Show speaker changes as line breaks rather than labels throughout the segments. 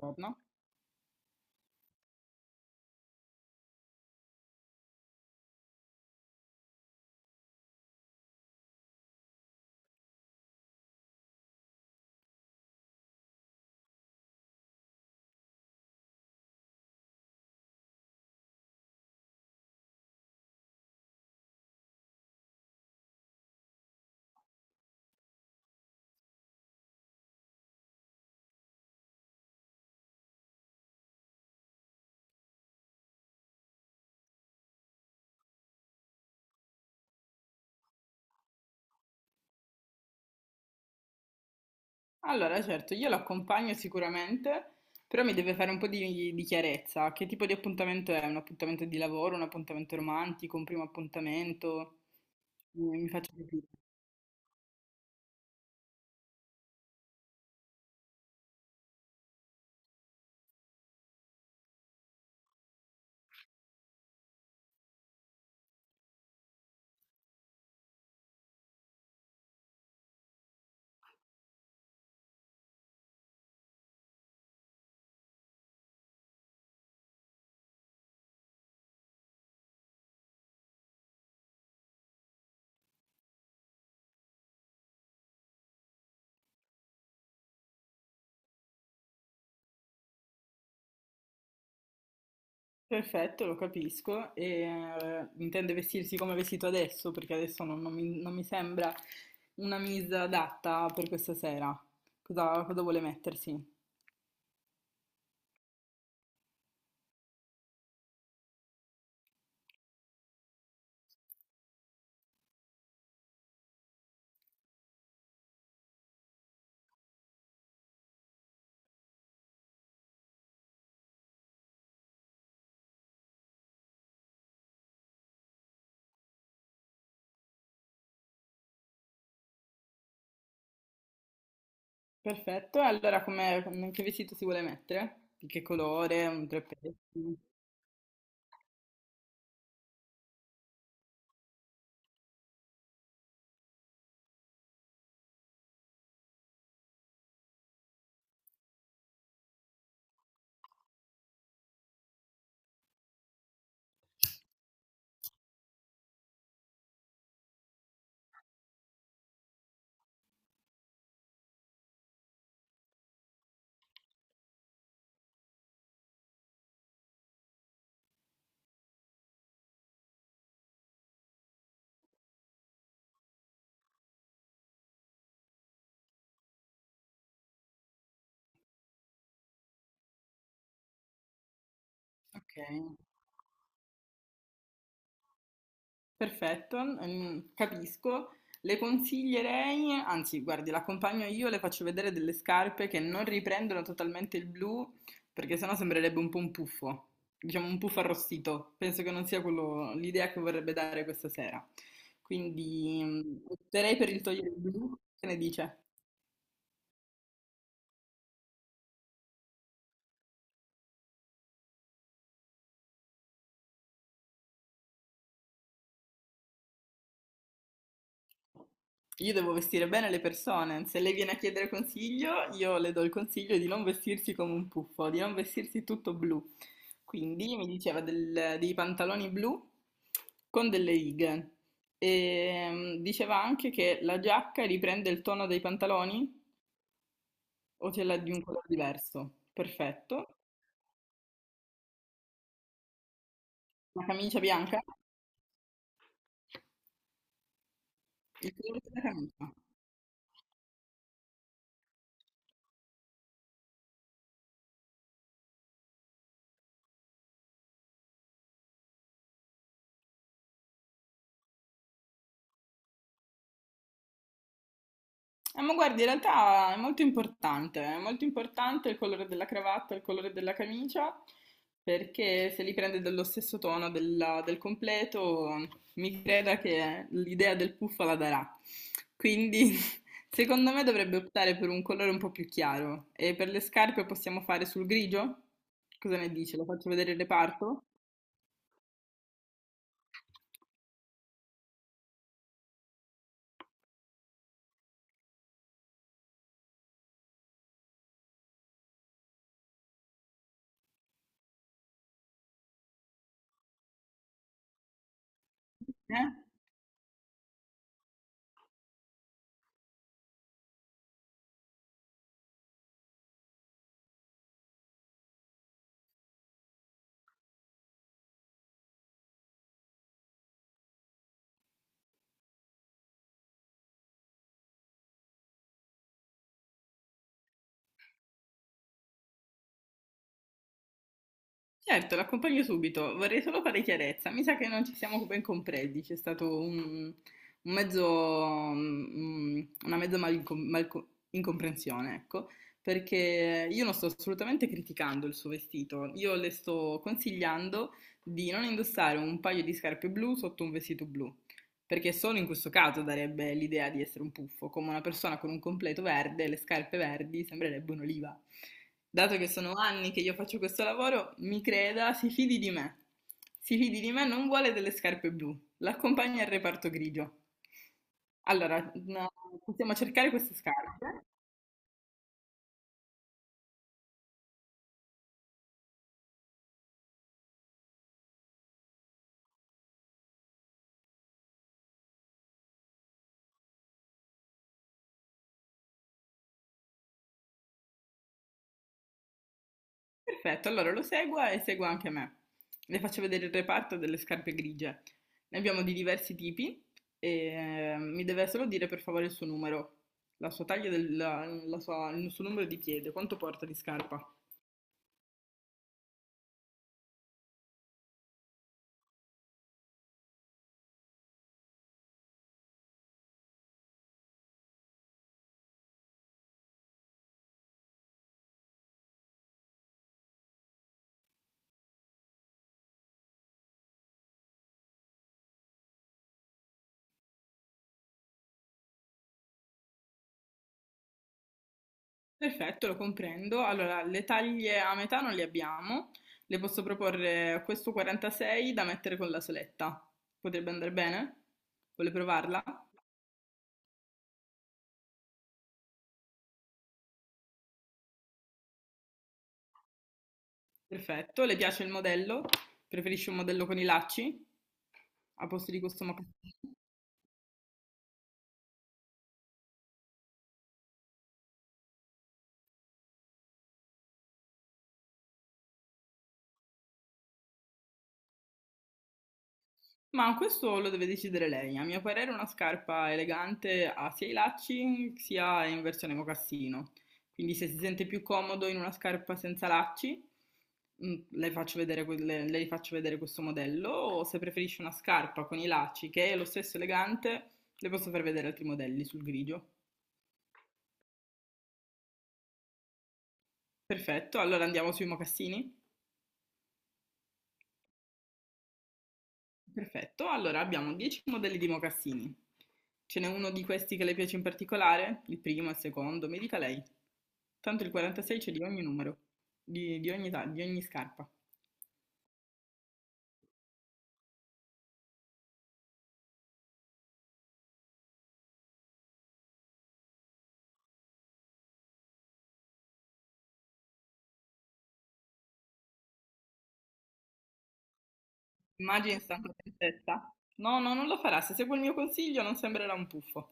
Giorno. Allora, certo, io l'accompagno sicuramente, però mi deve fare un po' di chiarezza. Che tipo di appuntamento è? Un appuntamento di lavoro, un appuntamento romantico, un primo appuntamento? Mi faccio capire. Perfetto, lo capisco. Intende vestirsi come è vestito adesso? Perché adesso non, non mi, non mi sembra una misa adatta per questa sera. Cosa, cosa vuole mettersi? Perfetto, e allora com'è- che vestito si vuole mettere? Di che colore? Un tre pezzi? Ok. Perfetto, capisco. Le consiglierei, anzi, guardi, l'accompagno io, le faccio vedere delle scarpe che non riprendono totalmente il blu, perché sennò sembrerebbe un po' un puffo, diciamo un puffo arrostito. Penso che non sia quello l'idea che vorrebbe dare questa sera. Quindi, opterei per il togliere il blu, che ne dice? Io devo vestire bene le persone, se lei viene a chiedere consiglio, io le do il consiglio di non vestirsi come un puffo, di non vestirsi tutto blu. Quindi mi diceva del- dei pantaloni blu con delle righe. E diceva anche che la giacca riprende il tono dei pantaloni o ce l'ha di un colore diverso. Perfetto. La camicia bianca, il colore della camicia. Ma guarda, in realtà è molto importante il colore della cravatta, il colore della camicia, perché se li prende dello stesso tono della- del completo, mi creda che l'idea del puffa la darà. Quindi, secondo me dovrebbe optare per un colore un po' più chiaro. E per le scarpe possiamo fare sul grigio? Cosa ne dici? Lo faccio vedere il reparto? Eh? Certo, l'accompagno subito. Vorrei solo fare chiarezza. Mi sa che non ci siamo ben compresi. C'è stato un mezzo, mm, una mezza malinco- malco- incomprensione, ecco, perché io non sto assolutamente criticando il suo vestito. Io le sto consigliando di non indossare un paio di scarpe blu sotto un vestito blu. Perché solo in questo caso darebbe l'idea di essere un puffo, come una persona con un completo verde e le scarpe verdi sembrerebbe un'oliva. Dato che sono anni che io faccio questo lavoro, mi creda, si fidi di me. Si fidi di me, non vuole delle scarpe blu, l'accompagna al reparto grigio. Allora, no, possiamo cercare queste scarpe. Perfetto, allora lo segua e segua anche me. Le faccio vedere il reparto delle scarpe grigie. Ne abbiamo di diversi tipi e mi deve solo dire per favore il suo numero, la sua taglia, del, la- la sua- il suo numero di piede, quanto porta di scarpa. Perfetto, lo comprendo. Allora, le taglie a metà non le abbiamo. Le posso proporre questo 46 da mettere con la soletta. Potrebbe andare bene? Vuole provarla? Perfetto, le piace il modello? Preferisce un modello con i lacci? A posto di questo moccasino. Ma questo lo deve decidere lei. A mio parere, una scarpa elegante ha sia i lacci sia in versione mocassino. Quindi, se si sente più comodo in una scarpa senza lacci, le faccio vedere, que- le faccio vedere questo modello. O se preferisce una scarpa con i lacci che è lo stesso elegante, le posso far vedere altri modelli sul grigio. Perfetto, allora andiamo sui mocassini. Perfetto, allora abbiamo 10 modelli di mocassini. Ce n'è uno di questi che le piace in particolare? Il primo, il secondo, mi dica lei. Tanto il 46 c'è di ogni numero, di ogni, ta- di ogni scarpa. Immagini in santa tristezza? No, no, non lo farà. Se segue il mio consiglio non sembrerà un puffo.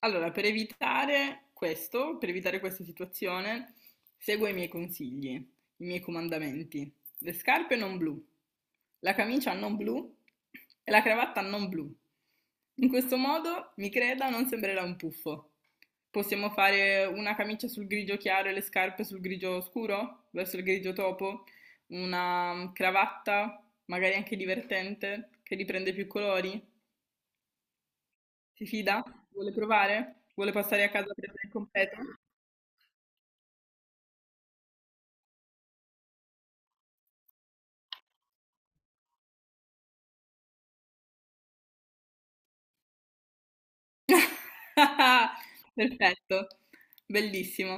Allora, per evitare questo, per evitare questa situazione, seguo i miei consigli, i miei comandamenti. Le scarpe non blu, la camicia non blu e la cravatta non blu. In questo modo, mi creda, non sembrerà un puffo. Possiamo fare una camicia sul grigio chiaro e le scarpe sul grigio scuro, verso il grigio topo, una cravatta, magari anche divertente, che riprende più colori, si fida? Vuole provare? Vuole passare a casa a prendere il completo? Perfetto, bellissimo.